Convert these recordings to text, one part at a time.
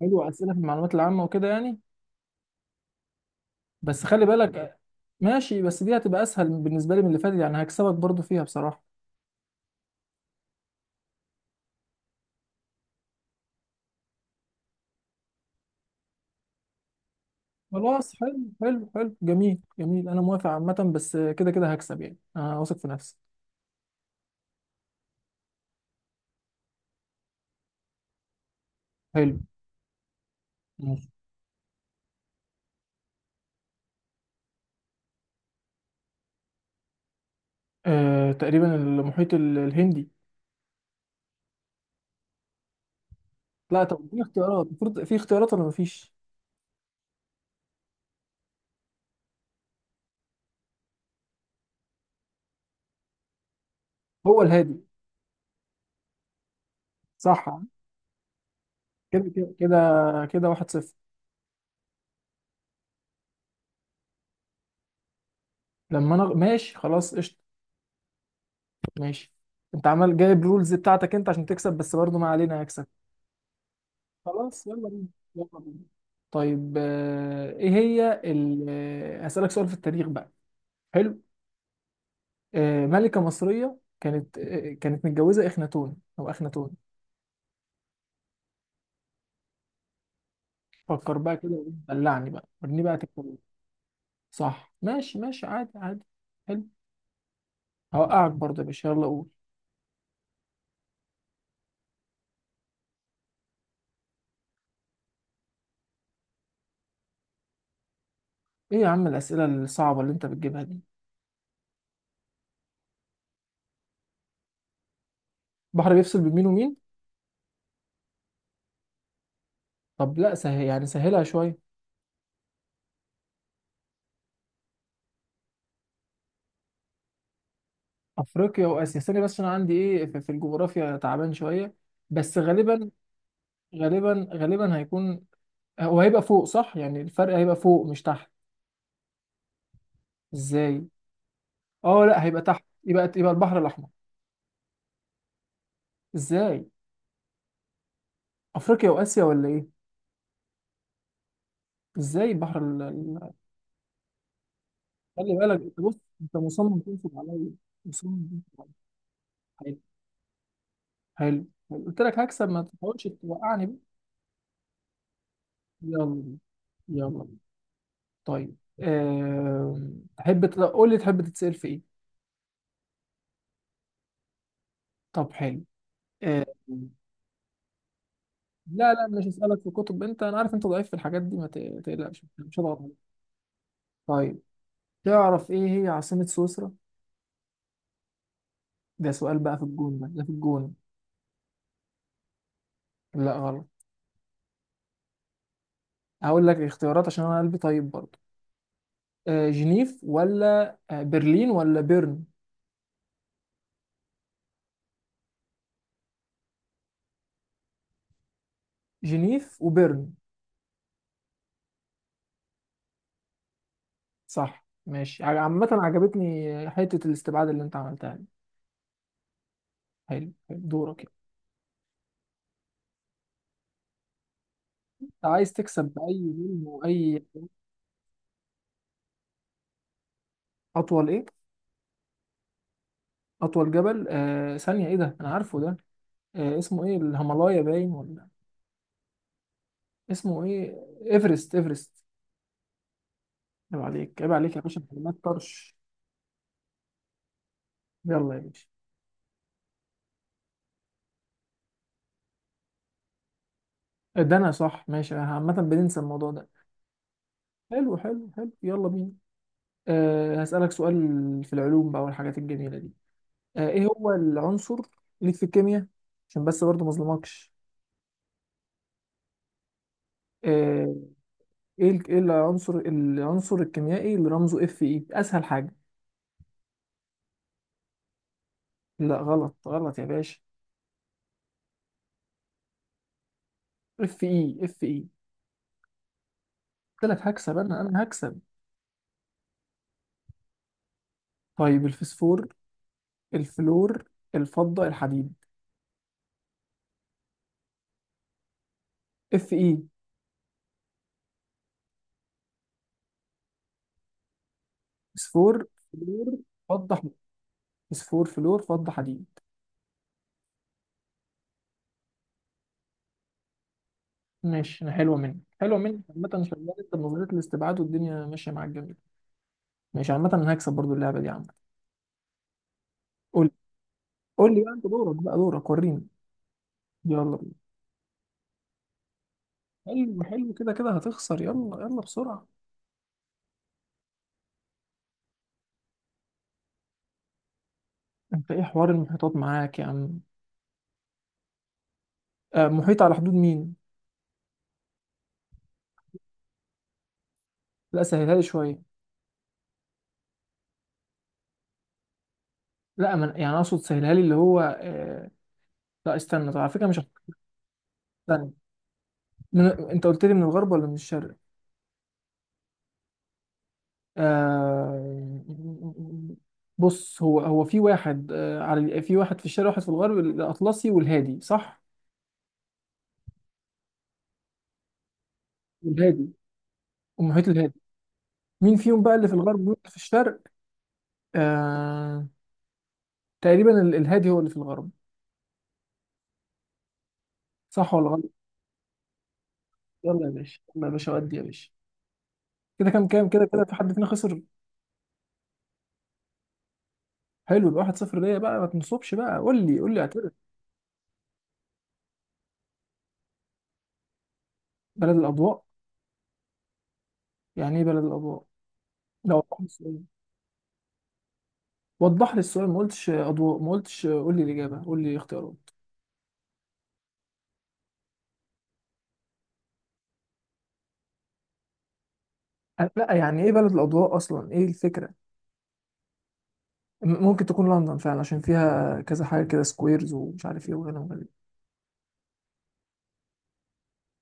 حلو، اسئله في المعلومات العامه وكده يعني. بس خلي بالك. ماشي، بس دي هتبقى اسهل بالنسبه لي من اللي فاتت يعني، هكسبك برضو فيها بصراحه. خلاص، حلو حلو حلو، جميل جميل، انا موافق عامه. بس كده كده هكسب يعني، انا واثق في نفسي. حلو. ماشي. آه، تقريبا المحيط الهندي. لا طب، في اختيارات؟ المفروض في اختيارات ولا مفيش؟ هو الهادي. صح. كده كده كده، كده 1-0. لما انا ماشي خلاص، قشطه. ماشي. انت عمال جايب رولز بتاعتك انت عشان تكسب، بس برضو ما علينا، هكسب. خلاص يلا بينا. يلا بينا. طيب، آه، ايه هي ال... آه، هسألك سؤال في التاريخ بقى. حلو. ملكة مصرية كانت متجوزة اخناتون او اخناتون. فكر بقى كده، دلعني بقى، وريني بقى تكتب. صح، ماشي ماشي، عادي عادي. حلو. هوقعك برضه يا باشا، يلا قول. ايه يا عم الأسئلة الصعبة اللي انت بتجيبها دي؟ بحر بيفصل بين مين ومين؟ طب لا سهل يعني، سهلها شوية. افريقيا واسيا ثانية، بس انا عندي ايه، في الجغرافيا تعبان شوية. بس غالبا، غالبا هيكون. وهيبقى فوق، صح؟ يعني الفرق هيبقى فوق مش تحت. ازاي؟ اه لا، هيبقى تحت، يبقى البحر الاحمر. ازاي؟ افريقيا واسيا ولا ايه؟ ازاي البحر خلي بالك انت، بص، انت مصمم تنصب عليا. مصمم تنصب عليا. حلو حلو حلو. قلت لك هكسب، ما تحاولش توقعني بقى. يلا بينا، يلا بينا. طيب. تحب قول لي تحب تتسأل في ايه؟ طب حلو. أم... لا لا مش هسألك في كتب. انت انا عارف انت ضعيف في الحاجات دي، ما ت- تقلقش مش هضغط عليك. طيب. تعرف ايه هي عاصمة سويسرا؟ ده سؤال بقى في الجون، ده في الجون. لا غلط. هقول لك اختيارات عشان انا قلبي طيب برضه. جنيف، ولا برلين، ولا بيرن؟ جنيف وبيرن. صح، ماشي. عامة عجبتني حتة الاستبعاد اللي انت عملتها دي. حلو حلو، دورك يعني. انت عايز تكسب بأي جيم وأي. أطول ايه؟ أطول جبل، ثانية ايه ده؟ أنا عارفه ده. اسمه ايه؟ الهيمالايا باين ولا؟ اسمه ايه؟ ايفرست، ايفرست. عيب عليك، عيب عليك يا باشا، معلومات طرش. يلا يا باشا. ده انا صح ماشي، أنا عامة بننسى الموضوع ده. حلو حلو حلو، يلا بينا. أه هسألك سؤال في العلوم بقى والحاجات الجميلة دي. أه ايه هو العنصر ليك في الكيمياء. عشان بس برضه ما اظلمكش. أه، ايه العنصر الكيميائي اللي رمزه اف اي؟ اسهل حاجة. لا غلط غلط يا باشا. اف اي، اف اي. قلت لك هكسب، انا هكسب. طيب الفسفور. الفلور. الفضة، الحديد. اف اي. فسفور. فلور. فضة. فوسفور، فلور، فضة، حديد. ماشي، انا حلوه منك، حلوه منك. عامة شغال انت بنظرية الاستبعاد، والدنيا ماشية معاك، جميل. ماشي، عامة انا هكسب برضو اللعبة دي عامة. قول لي. قول لي بقى، انت دورك بقى، دورك وريني. يلا بينا. حلو حلو، كده كده هتخسر، يلا يلا بسرعة. انت ايه حوار المحيطات معاك يا عم؟ آه، محيط على حدود مين؟ لا سهلها لي شوية. لا، من يعني، اقصد سهلها لي اللي هو لا استنى، طب على فكرة مش هختار. استنى. انت قلت لي من الغرب ولا من الشرق؟ آه. بص، هو في واحد على في واحد في الشرق واحد في الغرب، الأطلسي والهادي، صح؟ والهادي. والمحيط الهادي. مين فيهم بقى اللي في الغرب ومين في الشرق؟ آه. تقريبا الهادي هو اللي في الغرب. صح ولا غلط؟ يلا يا باشا، يلا يا باشا، ودي يا باشا. كده كام كام؟ كده كده في حد فينا خسر؟ حلو، يبقى 1-0 ليا بقى. ما تنصبش بقى، قول لي، قول لي اعترف. بلد الأضواء. يعني ايه بلد الأضواء؟ لو وضح لي السؤال. وضح لي السؤال، ما قلتش أضواء، ما قلتش، قول لي الإجابة، قول لي اختيارات. لا يعني ايه بلد الاضواء اصلا؟ ايه الفكره؟ ممكن تكون لندن فعلا، عشان فيها كذا حاجه كده، سكويرز ومش عارف ايه، وهنا وهنا.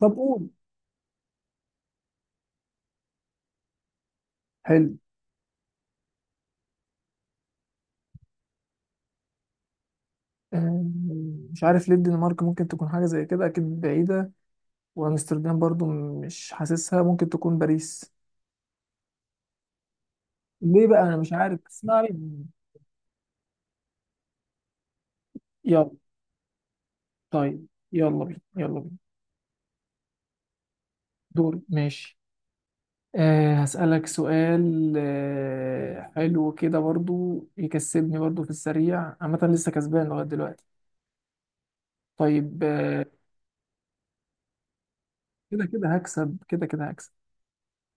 طب قول. حلو. أم، مش عارف ليه، الدنمارك ممكن تكون حاجه زي كده، اكيد بعيده. وامستردام برضو. مش حاسسها. ممكن تكون باريس. ليه بقى؟ انا مش عارف، اسمعني. يلا. طيب يلا بينا، يلا بينا. دوري ماشي. أه هسألك سؤال. أه حلو كده برضو يكسبني برضو في السريع، عامة لسه كسبان لغاية دلوقتي. طيب، كده كده هكسب، كده كده هكسب.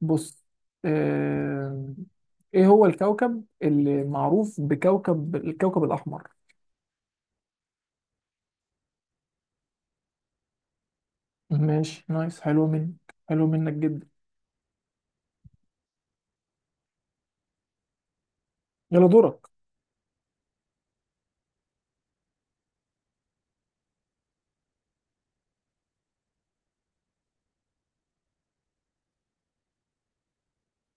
بص. آه، ايه هو الكوكب اللي معروف بكوكب الاحمر؟ ماشي، نايس، حلو منك. حلو منك جدا. يلا دورك.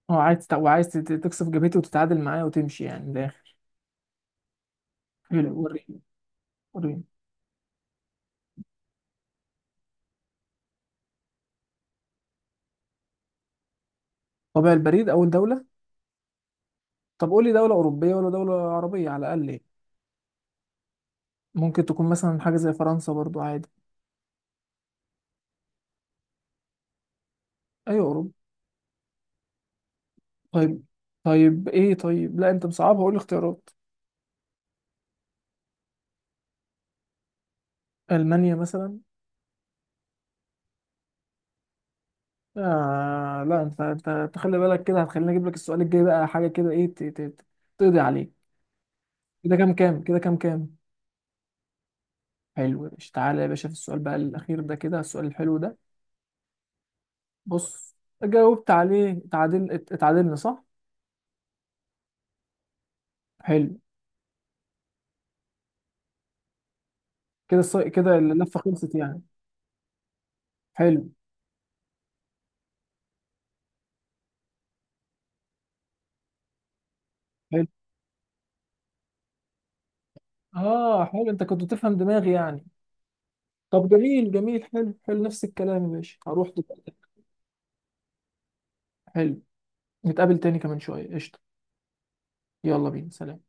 اه عايز تكسب جبهتي وتتعادل معايا وتمشي يعني من الاخر. حلو، وريني. وريني. طبيعي، البريد، اول دوله. طب قول لي دوله اوروبيه ولا دوله عربيه على الاقل يعني. ممكن تكون مثلا حاجه زي فرنسا برضو عادي. ايوه اوروبا. طيب. طيب ايه؟ طيب لا، انت مصعبها، قول لي اختيارات. المانيا مثلا. آه لا، انت خلي بالك كده، هتخليني اجيب لك السؤال الجاي بقى حاجه كده، ايه تقضي عليك. كده كام كام؟ كده كام كام. حلو يا باشا، تعالى يا باشا، في السؤال بقى الاخير ده، كده السؤال الحلو ده. بص، جاوبت عليه، اتعادلنا صح. حلو. كده كده اللفه خلصت يعني. حلو حلو. اه حلو، انت كنت تفهم دماغي يعني. طب جميل جميل، حلو حلو، نفس الكلام يا باشا، هروح دلوقتي. حلو. نتقابل تاني كمان شويه، قشطه. يلا بينا، سلام.